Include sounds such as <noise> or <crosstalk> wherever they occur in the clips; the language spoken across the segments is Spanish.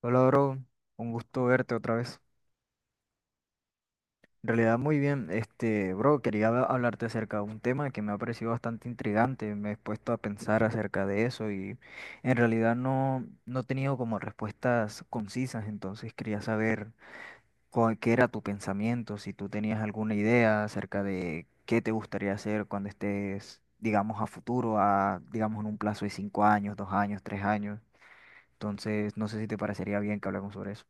Hola, bro. Un gusto verte otra vez. En realidad, muy bien. Bro, quería hablarte acerca de un tema que me ha parecido bastante intrigante. Me he puesto a pensar acerca de eso y en realidad no he tenido como respuestas concisas. Entonces, quería saber qué era tu pensamiento, si tú tenías alguna idea acerca de qué te gustaría hacer cuando estés, digamos, a futuro, a, digamos, en un plazo de cinco años, dos años, tres años. Entonces, no sé si te parecería bien que hablemos sobre eso.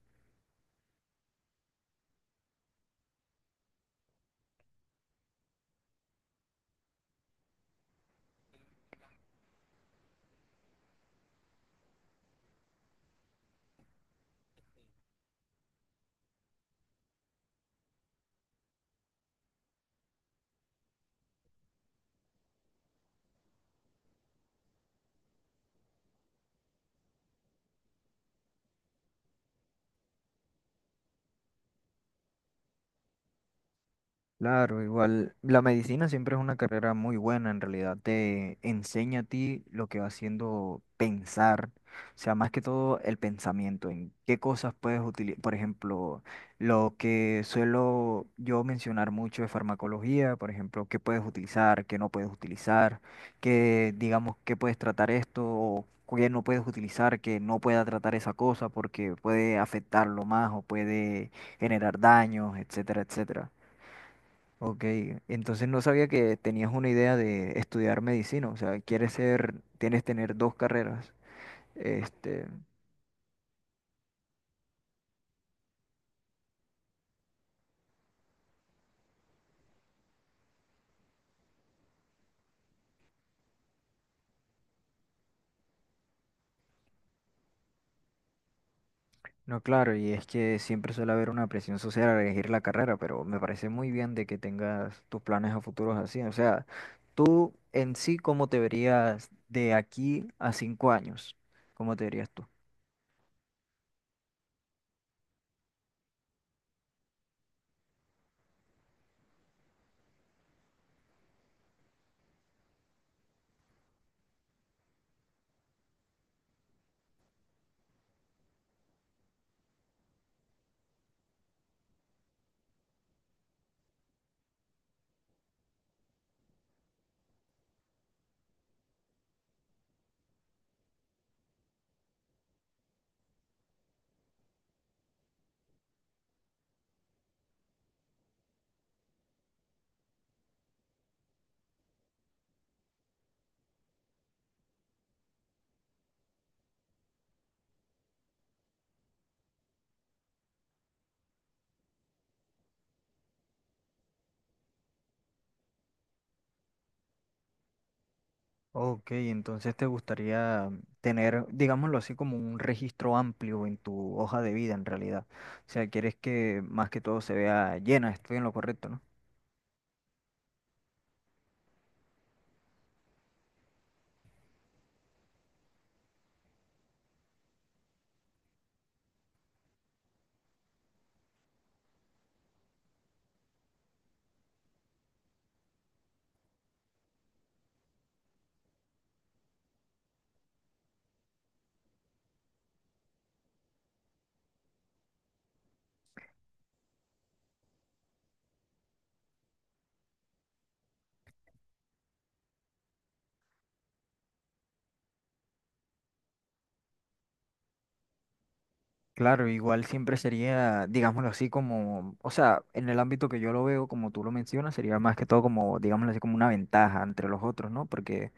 Claro, igual la medicina siempre es una carrera muy buena, en realidad te enseña a ti lo que va haciendo pensar, o sea, más que todo el pensamiento, en qué cosas puedes utilizar, por ejemplo, lo que suelo yo mencionar mucho de farmacología, por ejemplo, qué puedes utilizar, qué no puedes utilizar, qué, digamos, qué puedes tratar esto o qué no puedes utilizar, que no pueda tratar esa cosa porque puede afectarlo más o puede generar daños, etcétera, etcétera. Ok, entonces no sabía que tenías una idea de estudiar medicina, o sea, quieres ser, tienes tener dos carreras. Este, no, claro, y es que siempre suele haber una presión social al elegir la carrera, pero me parece muy bien de que tengas tus planes a futuros así. O sea, tú en sí, ¿cómo te verías de aquí a cinco años? ¿Cómo te verías tú? Ok, entonces te gustaría tener, digámoslo así, como un registro amplio en tu hoja de vida en realidad. O sea, quieres que más que todo se vea llena, estoy en lo correcto, ¿no? Claro, igual siempre sería, digámoslo así, como, o sea, en el ámbito que yo lo veo, como tú lo mencionas, sería más que todo como, digámoslo así, como una ventaja entre los otros, ¿no? Porque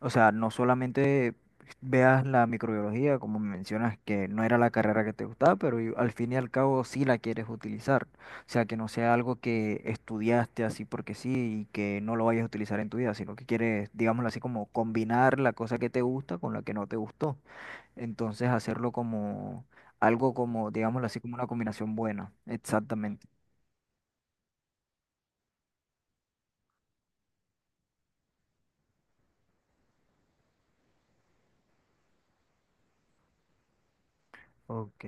o sea, no solamente veas la microbiología, como mencionas, que no era la carrera que te gustaba, pero al fin y al cabo sí la quieres utilizar. O sea, que no sea algo que estudiaste así porque sí y que no lo vayas a utilizar en tu vida, sino que quieres, digámoslo así, como combinar la cosa que te gusta con la que no te gustó. Entonces hacerlo como algo como, digámoslo así, como una combinación buena. Exactamente. Ok.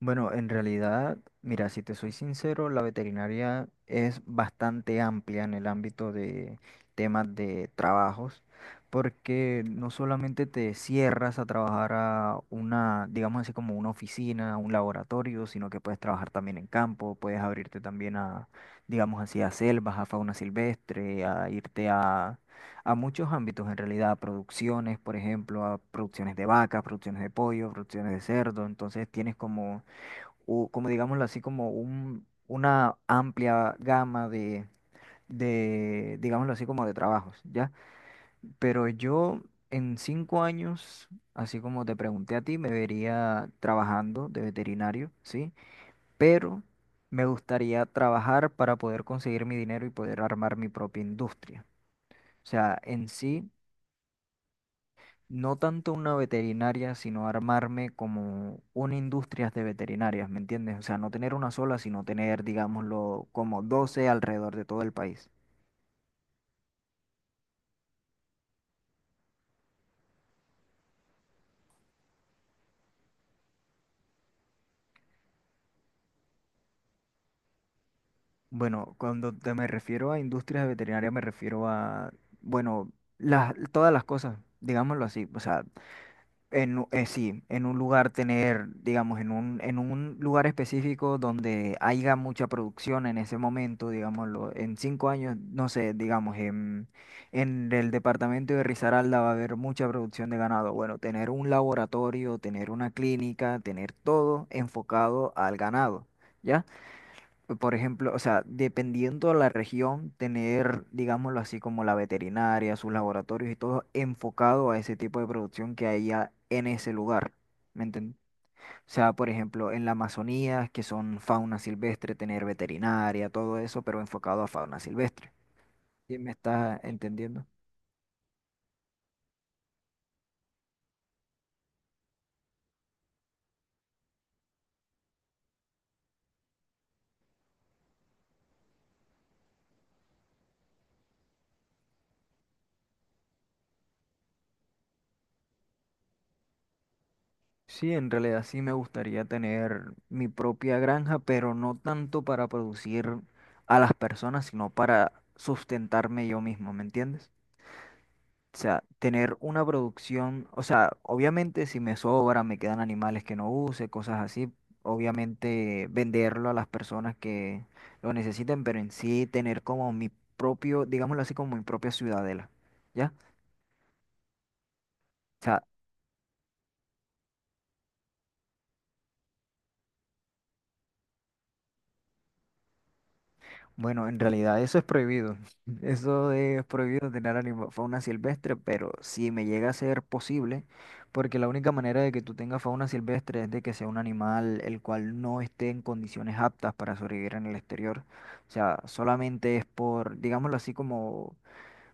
Bueno, en realidad, mira, si te soy sincero, la veterinaria es bastante amplia en el ámbito de temas de trabajos, porque no solamente te cierras a trabajar a una, digamos así como una oficina, un laboratorio, sino que puedes trabajar también en campo, puedes abrirte también a, digamos así, a selvas, a fauna silvestre, a irte a muchos ámbitos en realidad, a producciones, por ejemplo, a producciones de vacas, producciones de pollo, producciones de cerdo, entonces tienes como como digámoslo así, como un, una amplia gama de, digámoslo así, como de trabajos, ¿ya? Pero yo en cinco años, así como te pregunté a ti, me vería trabajando de veterinario, ¿sí? Pero me gustaría trabajar para poder conseguir mi dinero y poder armar mi propia industria. O sea, en sí... no tanto una veterinaria, sino armarme como una industria de veterinarias, ¿me entiendes? O sea, no tener una sola, sino tener, digámoslo, como 12 alrededor de todo el país. Bueno, cuando te me refiero a industrias veterinarias, me refiero a, bueno, las, todas las cosas, digámoslo así. O sea, en, sí, en un lugar tener, digamos, en un lugar específico donde haya mucha producción en ese momento, digámoslo, en cinco años, no sé, digamos, en el departamento de Risaralda va a haber mucha producción de ganado. Bueno, tener un laboratorio, tener una clínica, tener todo enfocado al ganado, ¿ya? Por ejemplo, o sea, dependiendo de la región, tener, digámoslo así, como la veterinaria, sus laboratorios y todo enfocado a ese tipo de producción que haya en ese lugar. ¿Me entiendes? O sea, por ejemplo, en la Amazonía, que son fauna silvestre, tener veterinaria, todo eso, pero enfocado a fauna silvestre. ¿Sí me estás entendiendo? Sí, en realidad sí me gustaría tener mi propia granja, pero no tanto para producir a las personas, sino para sustentarme yo mismo, ¿me entiendes? O sea, tener una producción, o sea, obviamente si me sobra, me quedan animales que no use, cosas así, obviamente venderlo a las personas que lo necesiten, pero en sí tener como mi propio, digámoslo así, como mi propia ciudadela, ¿ya? O sea, bueno, en realidad eso es prohibido. <laughs> Eso es prohibido tener fauna silvestre, pero si me llega a ser posible, porque la única manera de que tú tengas fauna silvestre es de que sea un animal el cual no esté en condiciones aptas para sobrevivir en el exterior. O sea, solamente es por, digámoslo así, como,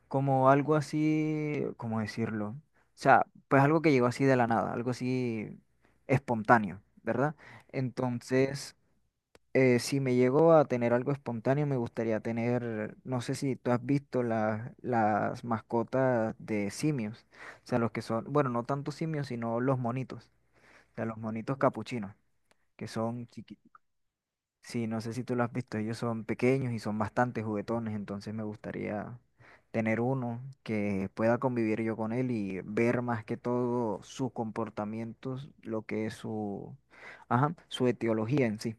como algo así, ¿cómo decirlo? O sea, pues algo que llegó así de la nada, algo así espontáneo, ¿verdad? Entonces... si me llego a tener algo espontáneo, me gustaría tener, no sé si tú has visto las mascotas de simios, o sea, los que son, bueno, no tanto simios, sino los monitos, o sea, los monitos capuchinos, que son chiquitos. Sí, no sé si tú lo has visto, ellos son pequeños y son bastante juguetones, entonces me gustaría tener uno que pueda convivir yo con él y ver más que todo sus comportamientos, lo que es su, ajá, su etiología en sí.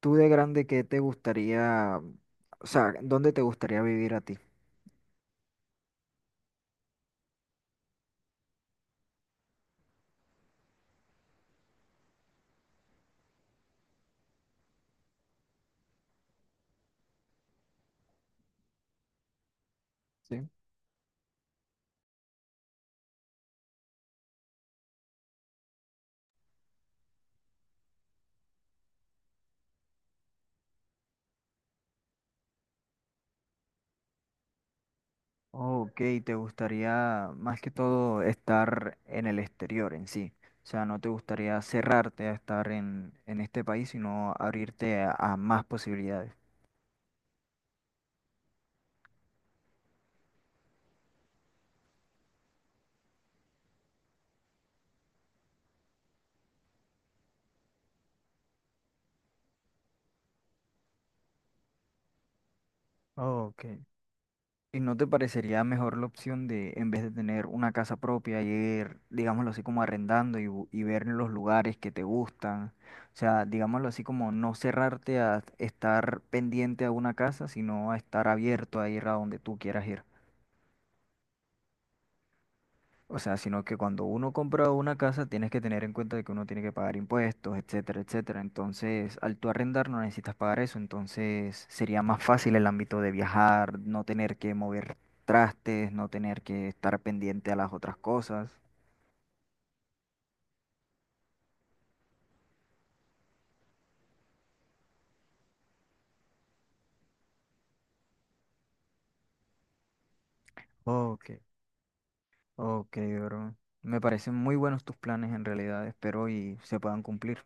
Tú de grande, ¿qué te gustaría, o sea, dónde te gustaría vivir a ti? ¿Sí? Oh, ok, te gustaría más que todo estar en el exterior en sí. O sea, no te gustaría cerrarte a estar en este país, sino abrirte a más posibilidades. Ok. ¿Y no te parecería mejor la opción de, en vez de tener una casa propia, ir, digámoslo así, como arrendando y, y ver los lugares que te gustan? O sea, digámoslo así, como no cerrarte a estar pendiente a una casa, sino a estar abierto a ir a donde tú quieras ir. O sea, sino que cuando uno compra una casa tienes que tener en cuenta de que uno tiene que pagar impuestos, etcétera, etcétera. Entonces, al tú arrendar no necesitas pagar eso, entonces sería más fácil el ámbito de viajar, no tener que mover trastes, no tener que estar pendiente a las otras cosas. Ok, ok, bro. Me parecen muy buenos tus planes en realidad, espero y se puedan cumplir.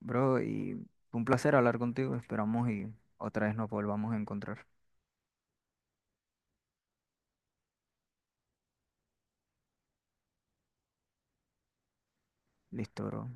Bro, y fue un placer hablar contigo, esperamos y otra vez nos volvamos a encontrar. Listo, bro.